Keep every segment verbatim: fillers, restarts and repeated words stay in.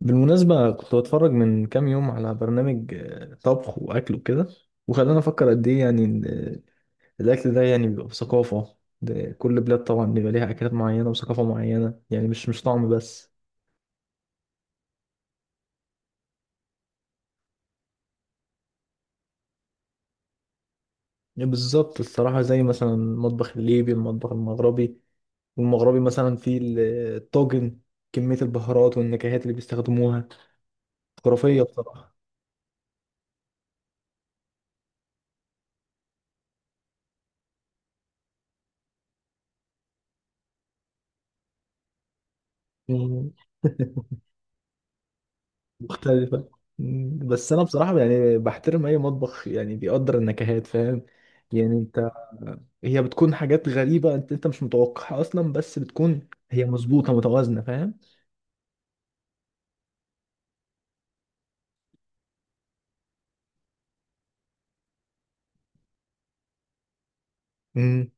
بالمناسبة كنت بتفرج من كام يوم على برنامج آه، طبخ وأكل وكده. وخلاني أفكر قد إيه يعني إن، آه، الأكل ده يعني بيبقى بثقافة، ده كل بلاد طبعا بيبقى ليها أكلات معينة وثقافة معينة، يعني مش مش طعم بس. بالظبط الصراحة، زي مثلا المطبخ الليبي، المطبخ المغربي. والمغربي مثلا فيه ال- آه، الطاجن. كمية البهارات والنكهات اللي بيستخدموها خرافية بصراحة. مختلفة. مم، بس أنا بصراحة يعني بحترم أي مطبخ يعني بيقدر النكهات، فاهم. يعني أنت. هي بتكون حاجات غريبة، أنت أنت مش متوقعها أصلا، بس بتكون هي مظبوطة متوازنة، فاهم. امم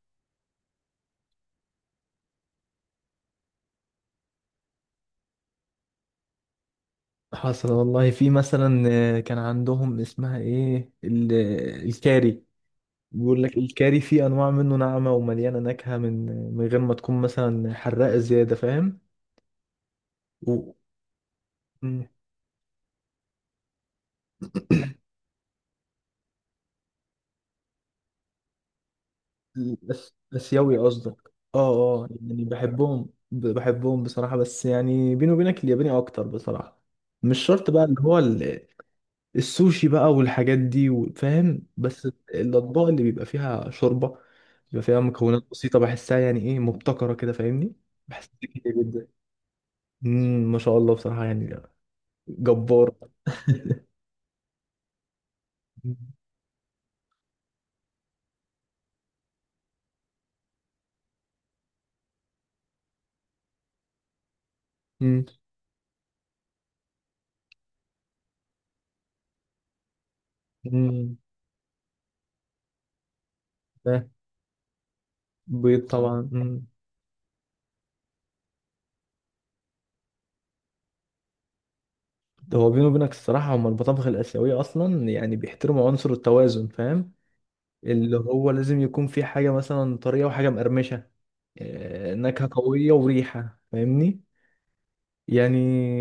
حصل والله، في مثلا آه، كان عندهم اسمها إيه ال- الكاري. بيقول لك الكاري فيه أنواع منه ناعمة ومليانة نكهة من من غير ما تكون مثلا حراقة زيادة، فاهم. و... مم. الأس- الآسيوي قصدك، اه. اه، يعني بحبهم ب- بحبهم بصراحة، بس يعني بيني وبينك الياباني أكتر بصراحة. مش شرط بقى اللي هو ال- السوشي بقى والحاجات دي و- فاهم، بس. الأطباق اللي بيبقى فيها شوربة بيبقى فيها مكونات بسيطة، بحسها يعني إيه مبتكرة كده، فاهمني. بحسها كتير جدا. مم، ما شاء الله بصراحة يعني. جبار. مم، مم، مم. ده بيض طبعا. هو بيني وبينك الصراحة، هما المطابخ الآسيوية أصلا يعني بيحترموا عنصر التوازن، فاهم. اللي هو لازم يكون في حاجة مثلا طرية وحاجة مقرمشة. آه، نكهة قوية وريحة، فاهمني. يعني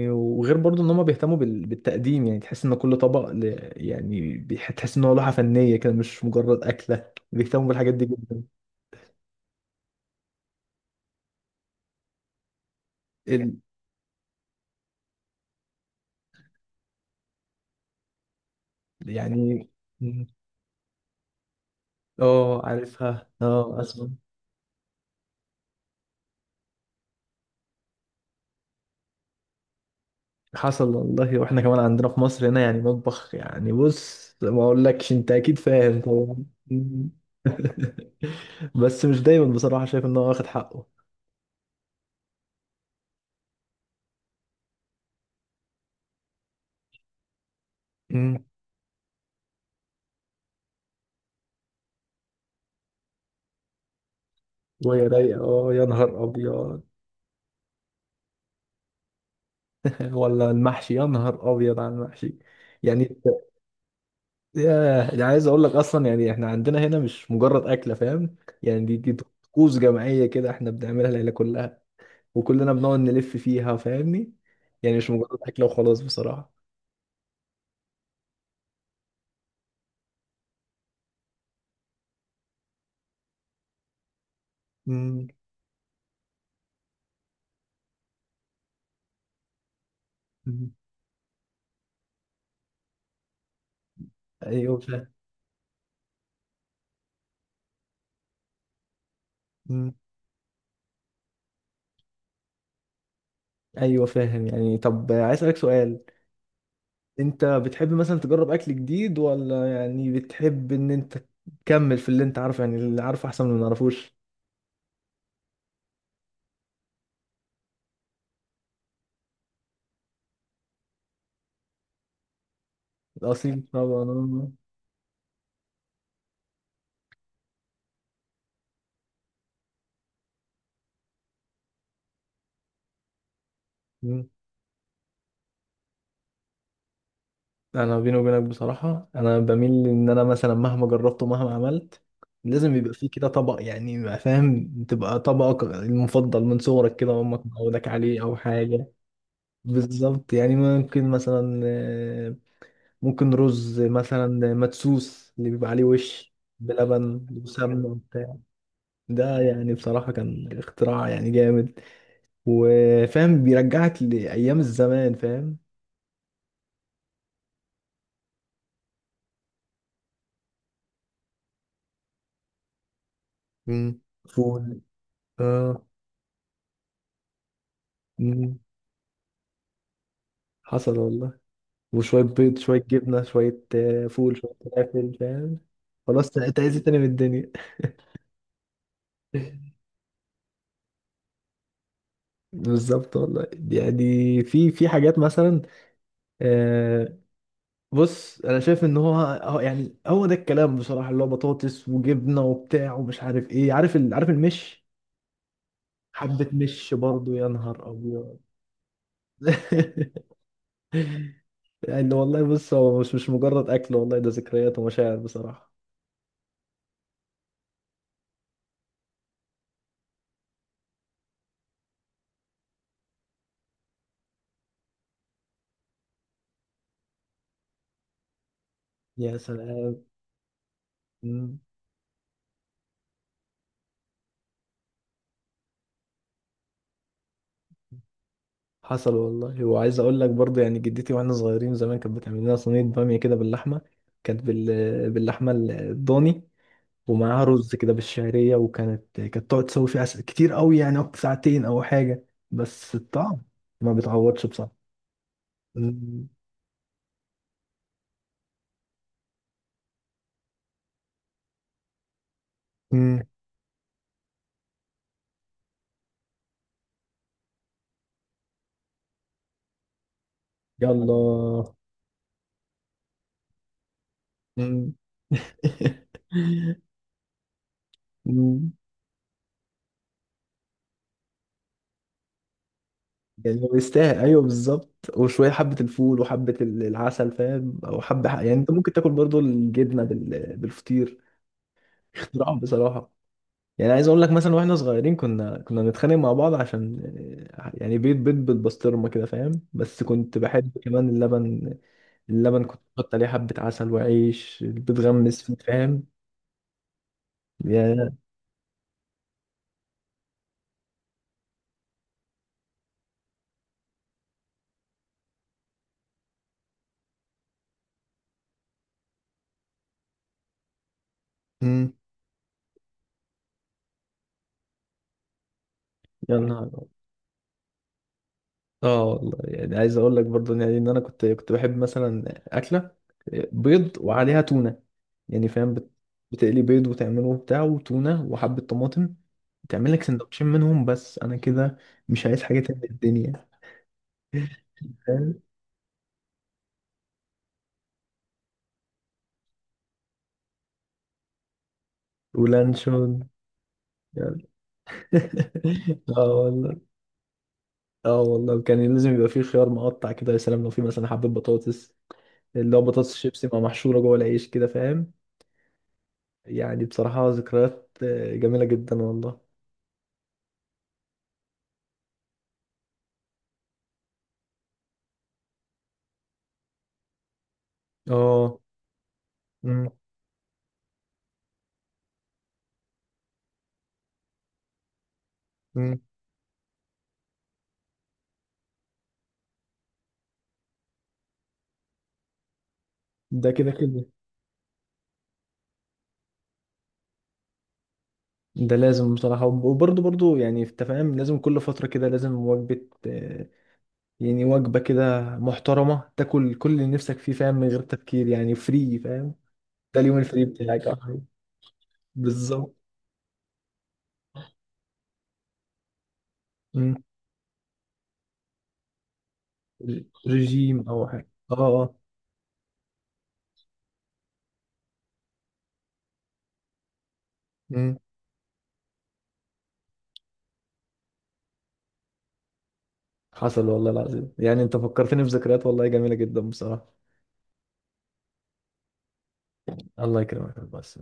وغير برضو إن هما بيهتموا بال- بالتقديم، يعني تحس إن كل طبق ل- يعني بيح- تحس إن هو لوحة فنية كده، مش مجرد أكلة، بيهتموا بالحاجات دي جدا. ال- يعني اه، عارفها، اه أسمع. حصل والله، واحنا كمان عندنا في مصر هنا يعني مطبخ، يعني بص ما اقولكش انت اكيد فاهم طبعا. بس مش دايما بصراحة شايف ان هو واخد حقه. مم. وهي رايقة، اه يا نهار ابيض. ولا المحشي، يا نهار ابيض على المحشي. يعني إنت- ياه، يعني عايز اقول لك اصلا، يعني احنا عندنا هنا مش مجرد اكلة، فاهم. يعني دي دي طقوس جماعية كده، احنا بنعملها العيلة كلها. وكلنا بنقعد نلف فيها، فاهمني. يعني مش مجرد اكلة وخلاص بصراحة. مم. ايوه، فاهم. مم. ايوه، فاهم. يعني طب عايز اسالك سؤال، انت بتحب مثلا تجرب اكل جديد، ولا يعني بتحب ان انت تكمل في اللي انت عارفه؟ يعني اللي عارفه احسن من اللي ما نعرفوش. الاصيل طبعا، آه. مم. انا بيني وبينك بصراحه، انا بميل ان انا مثلا مهما جربت ومهما عملت، لازم يبقى فيه كده طبق، يعني ما فاهم، تبقى طبقك المفضل من صغرك كده، امك معودك عليه او حاجه. بالظبط، يعني ممكن مثلا ممكن رز مثلا، مدسوس اللي بيبقى عليه وش، بلبن وسمنة وبتاع. ده يعني بصراحة كان اختراع يعني جامد. وفاهم بيرجعك لأيام الزمان، فاهم. مم. فول. اه. مم. حصل والله، وشوية بيض شوية جبنة شوية آه، فول شوية فلافل، فاهم. خلاص تعيش تاني من الدنيا. بالظبط والله، يعني في في حاجات مثلا آه، بص، انا شايف ان هو هو يعني هو ده الكلام بصراحه، اللي هو بطاطس وجبنه وبتاع ومش عارف ايه، عارف ال... عارف المش. حبه مش برضو يا نهار ابيض. يعني والله بص، هو مش مش مجرد اكل، والله ده ذكريات ومشاعر بصراحه. يا سلام. مم. حصل والله، وعايز اقول لك برضو، يعني جدتي واحنا صغيرين زمان كانت بتعمل لنا صينيه باميه كده باللحمه. كانت بال... باللحمه الضاني، ومعاها رز كده بالشعرية، وكانت كانت تقعد تسوي فيه عسل كتير قوي، يعني أو ساعتين أو حاجة. بس الطعم ما بيتعوضش بصراحة. مم. مم. يلا. مم. مم. يعني هو يستاهل، أيوه بالظبط، وشوية حبة الفول وحبة ال- العسل فاهم، أو حبة ح- يعني أنت ممكن تاكل برضو الجبنة بال- بالفطير. اختراع بصراحة. يعني عايز اقول لك مثلا، واحنا صغيرين كنا كنا نتخانق مع بعض عشان آه، يعني بيض بيض بالبسطرمه كده فاهم، بس كنت بحب كمان اللبن. اللبن كنت بحط عليه حبه عسل وعيش بتغمس فيه، فاهم. يا امم يا نهار أبيض. اه والله، يعني عايز اقول لك برضو، يعني ان انا كنت كنت بحب مثلا اكله بيض وعليها تونه، يعني فاهم بت- بتقلي بيض وتعمله بتاع وتونه وحبه طماطم، تعمل لك سندوتشين منهم، بس انا كده مش عايز حاجه تانية في الدنيا. ولانشون يعني. اه والله. اه والله، كان لازم يبقى فيه خيار مقطع كده، يا سلام لو فيه مثلا حبة بطاطس، اللي هو بطاطس شيبسي مع محشورة جوه العيش كده، فاهم. يعني بصراحة ذكريات آه، جميلة جدا والله. اه. أمم، أمم. ده كده كده. ده لازم بصراحة، وب- وبرضه برضه يعني انت فاهم لازم كل فترة كده لازم وجبة آه، يعني وجبة كده محترمة تاكل كل اللي نفسك فيه، فاهم، من غير تفكير، يعني فري فاهم. ده اليوم الفري بتاعك آه، بالظبط. ريجيم او حاجه، اه، اه. مم. حصل والله العظيم، يعني انت فكرتني بذكريات والله جميله جدا بصراحه. الله يكرمك، بس.